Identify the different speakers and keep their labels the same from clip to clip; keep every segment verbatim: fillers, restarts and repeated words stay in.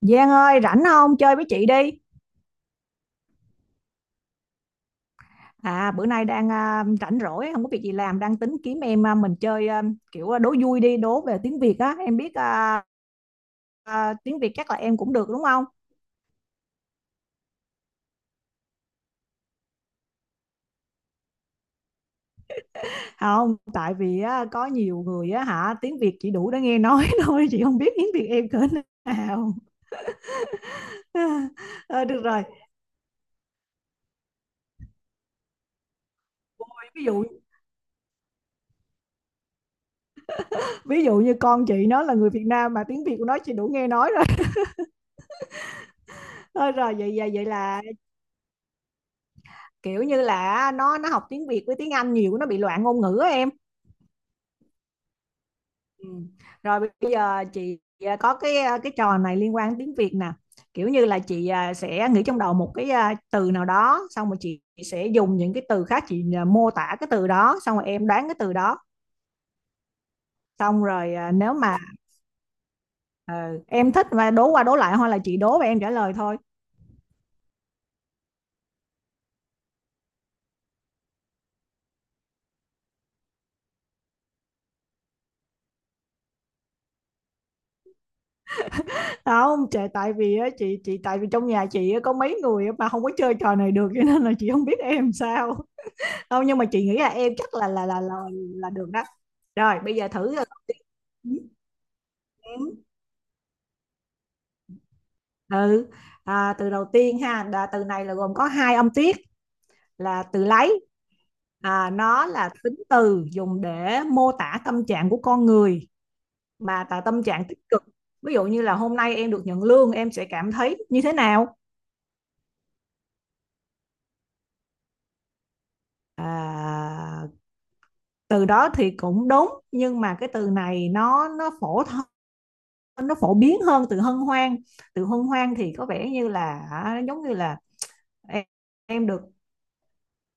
Speaker 1: Giang ơi, rảnh không? Chơi với chị đi. À, bữa nay đang à, rảnh rỗi, không có việc gì làm, đang tính kiếm em à, mình chơi, à, kiểu à, đố vui đi, đố về tiếng Việt á. Em biết à, à, tiếng Việt chắc là em cũng được đúng không? Không, tại vì á, có nhiều người á hả, tiếng Việt chỉ đủ để nghe nói thôi, chị không biết tiếng Việt em cỡ nào. Ờ, được rồi, ví dụ ví dụ như con chị nó là người Việt Nam mà tiếng Việt của nó chỉ đủ nghe nói rồi. Thôi. Ờ, rồi, vậy vậy vậy là kiểu như là nó nó học tiếng Việt với tiếng Anh nhiều, nó bị loạn ngôn ngữ á em. Ừ, rồi bây giờ chị à, có cái à, cái trò này liên quan đến tiếng Việt nè, kiểu như là chị à, sẽ nghĩ trong đầu một cái à, từ nào đó, xong rồi chị sẽ dùng những cái từ khác chị à, mô tả cái từ đó, xong rồi em đoán cái từ đó. Xong rồi, à, nếu mà ờ, em thích mà đố qua đố lại, hoặc là chị đố và em trả lời thôi. Không trời, tại vì á, chị chị tại vì trong nhà chị á, có mấy người mà không có chơi trò này được, cho nên là chị không biết em sao. Không, nhưng mà chị nghĩ là em chắc là là là là, là được đó. Rồi bây giờ thử rồi. Ừ. Ừ. À, từ đầu tiên ha, là từ này là gồm có hai âm tiết, là từ lấy. À, nó là tính từ dùng để mô tả tâm trạng của con người, mà là tâm trạng tích cực. Ví dụ như là hôm nay em được nhận lương, em sẽ cảm thấy như thế nào? à, Từ đó thì cũng đúng, nhưng mà cái từ này nó nó phổ thông, nó phổ biến hơn từ hân hoan. Từ hân hoan thì có vẻ như là giống như là em, em được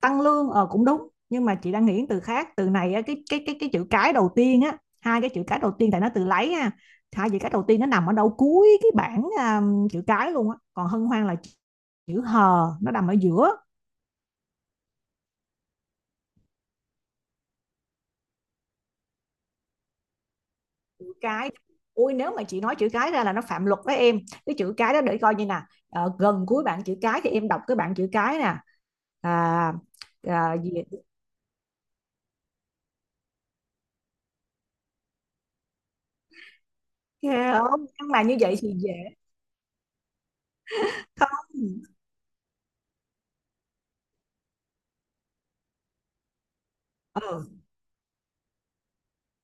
Speaker 1: tăng lương, ờ cũng đúng, nhưng mà chị đang nghĩ từ khác. Từ này cái cái cái cái chữ cái đầu tiên á, hai cái chữ cái đầu tiên, tại nó từ lấy ha, hai chữ cái đầu tiên nó nằm ở đâu cuối cái bảng à, chữ cái luôn á. Còn hân hoan là chữ hờ nó nằm ở giữa chữ cái. Ui, nếu mà chị nói chữ cái ra là nó phạm luật với em. Cái chữ cái đó để coi như nè, ờ, gần cuối bảng chữ cái, thì em đọc cái bảng chữ cái nè. à, à, Gì? Ghê không? Nhưng mà như vậy thì dễ không? Ừ,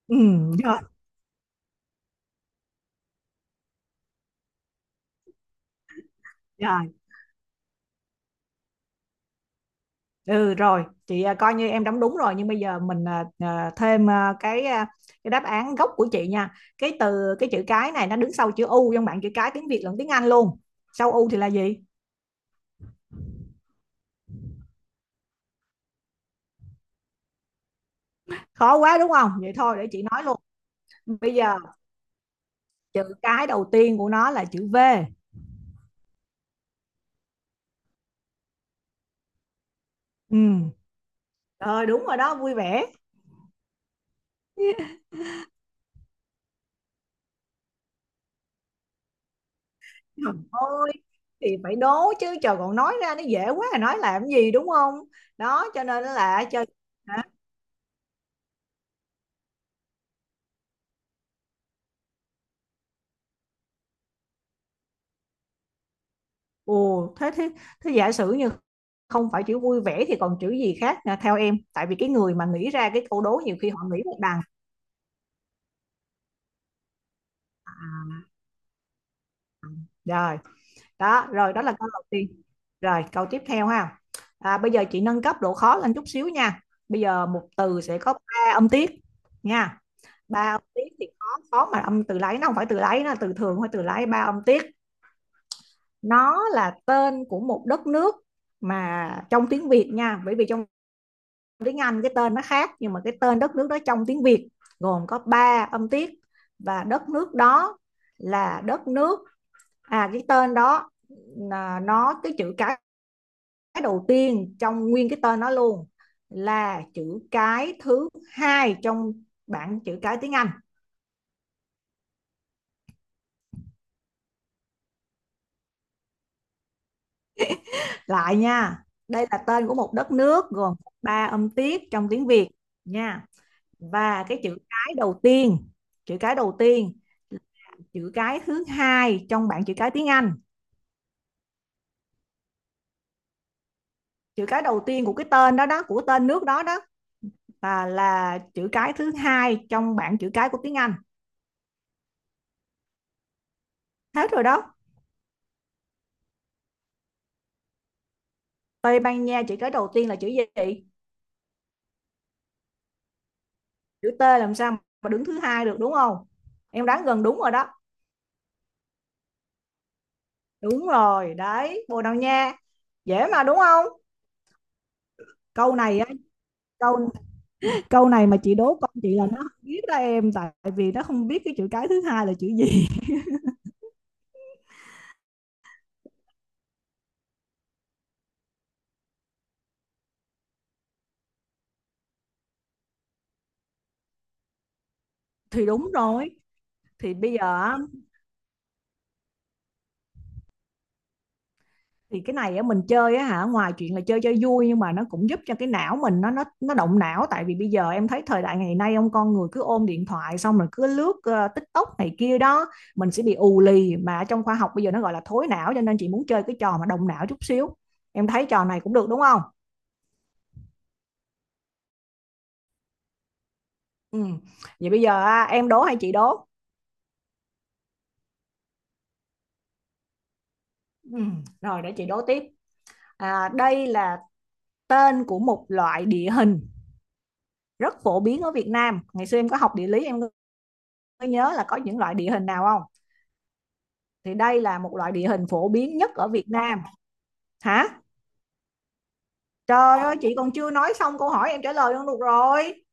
Speaker 1: ừ, rồi, rồi, ừ, rồi. Chị à, coi như em đóng đúng rồi. Nhưng bây giờ mình à, à, thêm à, cái à, cái đáp án gốc của chị nha. Cái từ, cái chữ cái này nó đứng sau chữ U, trong bảng chữ cái tiếng Việt lẫn tiếng Anh luôn. Sau U thì là gì? Khó quá đúng không? Vậy thôi để chị nói luôn. Bây giờ chữ cái đầu tiên của nó là chữ V. Ừ, rồi, đúng rồi đó, vui vẻ. Thôi thì phải đố chứ trời, còn nói ra nó dễ quá, à, nói làm gì, đúng không? Đó cho nên là chơi. Hả? Ồ thế thế thế giả sử như không phải chữ vui vẻ thì còn chữ gì khác nè theo em, tại vì cái người mà nghĩ ra cái câu đố nhiều khi họ nghĩ một đằng. à, Rồi. Đó rồi đó là câu đầu tiên. Rồi câu tiếp theo ha, à, bây giờ chị nâng cấp độ khó lên chút xíu nha. Bây giờ một từ sẽ có ba âm tiết nha. Ba âm tiết thì khó. Khó mà âm từ lấy, nó không phải từ lấy, nó là từ thường thôi, từ lấy ba âm tiết. Nó là tên của một đất nước, mà trong tiếng Việt nha, bởi vì trong tiếng Anh cái tên nó khác, nhưng mà cái tên đất nước đó trong tiếng Việt gồm có ba âm tiết. Và đất nước đó là đất nước, à cái tên đó, à, nó cái chữ cái đầu tiên trong nguyên cái tên nó luôn là chữ cái thứ hai trong bảng chữ cái tiếng Anh. Lại nha, đây là tên của một đất nước gồm ba âm tiết trong tiếng Việt nha. Và cái chữ cái đầu tiên, chữ cái đầu tiên, chữ cái thứ hai trong bảng chữ cái tiếng Anh. Chữ cái đầu tiên của cái tên đó đó, của tên nước đó đó, là, là chữ cái thứ hai trong bảng chữ cái của tiếng Anh. Hết rồi đó. Tây Ban Nha? Chữ cái đầu tiên là chữ gì? Chữ T, làm sao mà đứng thứ hai được đúng không? Em đoán gần đúng rồi đó. Đúng rồi đấy, Bồ Đào Nha. Dễ mà đúng không? Câu này á, câu, câu này mà chị đố con chị là nó không biết đó em, tại vì nó không biết cái chữ cái thứ hai là chữ gì. Thì đúng rồi, thì bây giờ á, thì cái này á mình chơi á hả, ngoài chuyện là chơi cho vui, nhưng mà nó cũng giúp cho cái não mình nó nó nó động não, tại vì bây giờ em thấy thời đại ngày nay ông con người cứ ôm điện thoại xong rồi cứ lướt ờ, TikTok này kia đó, mình sẽ bị ù lì, mà trong khoa học bây giờ nó gọi là thối não, cho nên chị muốn chơi cái trò mà động não chút xíu. Em thấy trò này cũng được đúng không? Ừ. Vậy bây giờ à, em đố hay chị đố? Ừ. Rồi để chị đố tiếp. À, đây là tên của một loại địa hình rất phổ biến ở Việt Nam. Ngày xưa em có học địa lý, em có nhớ là có những loại địa hình nào không? Thì đây là một loại địa hình phổ biến nhất ở Việt Nam. Hả? Trời ơi, chị còn chưa nói xong câu hỏi em trả lời luôn được rồi.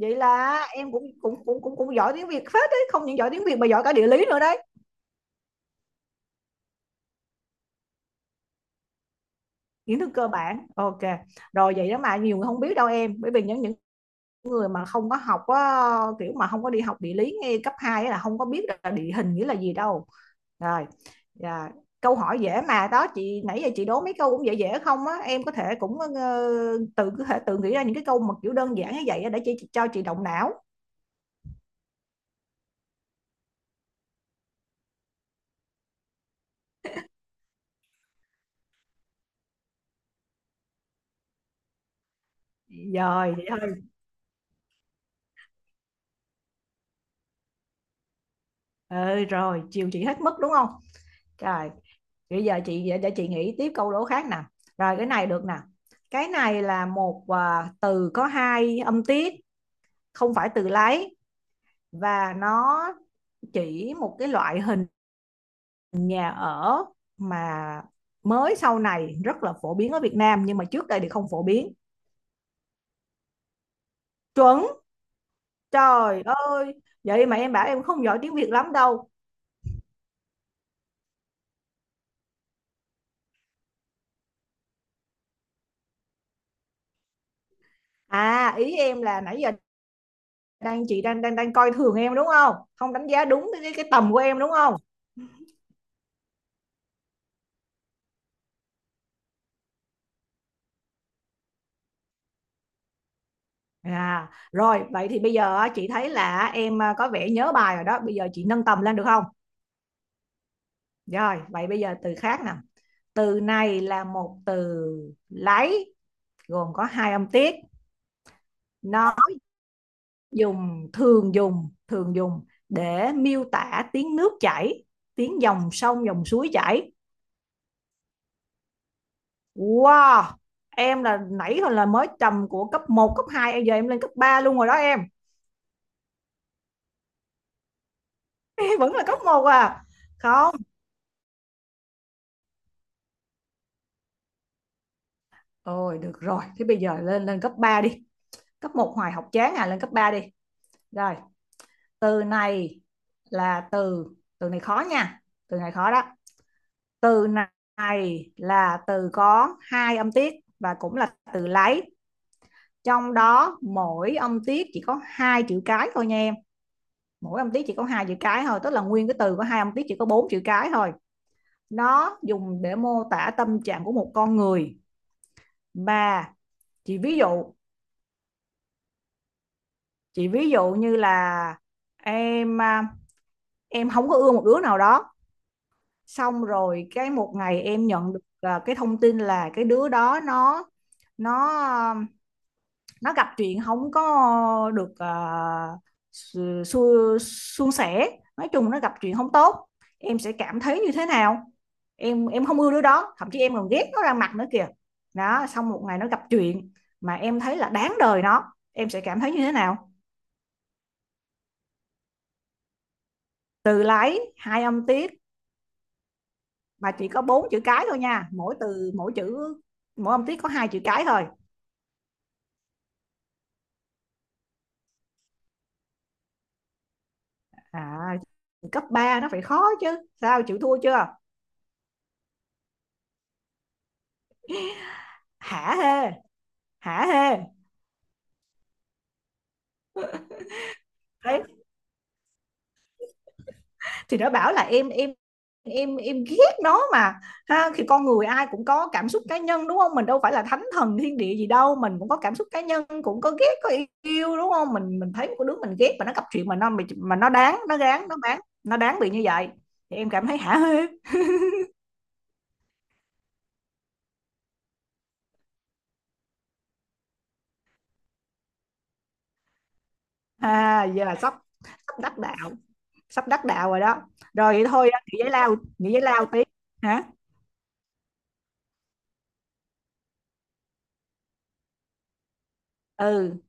Speaker 1: Vậy là em cũng cũng cũng cũng cũng giỏi tiếng Việt phết đấy, không những giỏi tiếng Việt mà giỏi cả địa lý nữa đấy. Kiến thức cơ bản. Ok. Rồi vậy đó mà nhiều người không biết đâu em, bởi vì những những người mà không có học á, kiểu mà không có đi học địa lý ngay cấp hai là không có biết là địa hình nghĩa là gì đâu. Rồi, dạ. Câu hỏi dễ mà đó chị, nãy giờ chị đố mấy câu cũng dễ dễ không á, em có thể cũng ờ, tự có thể tự nghĩ ra những cái câu mà kiểu đơn giản như vậy á, để chị cho chị động não. Rồi vậy thôi, ừ, rồi chiều chị hết mức đúng không. Rồi bây giờ chị để, để chị nghĩ tiếp câu đố khác nè. Rồi cái này được nè, cái này là một à, từ có hai âm tiết, không phải từ lái, và nó chỉ một cái loại hình nhà ở mà mới sau này rất là phổ biến ở Việt Nam, nhưng mà trước đây thì không phổ biến. Chuẩn. Trời ơi, vậy mà em bảo em không giỏi tiếng Việt lắm đâu. À ý em là nãy giờ đang chị đang đang đang coi thường em đúng không, không đánh giá đúng cái cái, tầm của em đúng không. À rồi vậy thì bây giờ á, chị thấy là em à, có vẻ nhớ bài rồi đó, bây giờ chị nâng tầm lên được không? Rồi vậy bây giờ từ khác nè. Từ này là một từ lấy, gồm có hai âm tiết, nó dùng thường dùng thường dùng để miêu tả tiếng nước chảy, tiếng dòng sông dòng suối chảy. Wow, em là nãy hồi là mới trầm của cấp một cấp hai, em giờ em lên cấp ba luôn rồi đó em. Em vẫn là cấp một à? Không, ôi được rồi, thế bây giờ lên lên cấp ba đi, cấp một hoài học chán à, lên cấp ba đi. Rồi, từ này là từ, từ này khó nha, từ này khó đó. Từ này là từ có hai âm tiết và cũng là từ lấy, trong đó mỗi âm tiết chỉ có hai chữ cái thôi nha em. Mỗi âm tiết chỉ có hai chữ cái thôi, tức là nguyên cái từ có hai âm tiết chỉ có bốn chữ cái thôi. Nó dùng để mô tả tâm trạng của một con người mà, chị ví dụ, chị ví dụ như là em à, em không có ưa một đứa nào đó, xong rồi cái một ngày em nhận được à, cái thông tin là cái đứa đó nó nó um, nó gặp chuyện không có được à, su, su, suôn sẻ, nói chung nó gặp chuyện không tốt, em sẽ cảm thấy như thế nào? Em em không ưa đứa đó, thậm chí em còn ghét nó ra mặt nữa kìa. Đó, xong một ngày nó gặp chuyện mà em thấy là đáng đời nó, em sẽ cảm thấy như thế nào? Từ lái hai âm tiết mà chỉ có bốn chữ cái thôi nha, mỗi từ mỗi chữ mỗi âm tiết có hai chữ cái thôi. À cấp ba nó phải khó chứ, sao chịu thua chưa? Hả hê, hả hê. Đấy, thì nó bảo là em em em em ghét nó mà. Ha thì con người ai cũng có cảm xúc cá nhân đúng không, mình đâu phải là thánh thần thiên địa gì đâu, mình cũng có cảm xúc cá nhân, cũng có ghét có yêu đúng không, mình mình thấy một đứa mình ghét mà nó gặp chuyện mà nó mà nó đáng nó gán nó bán nó đáng bị như vậy, thì em cảm thấy hả hê. À giờ sắp, sắp đắc đạo, sắp đắc đạo rồi đó. Rồi vậy thôi á, nghỉ giải lao nghỉ giải lao tí, hả? Ừ.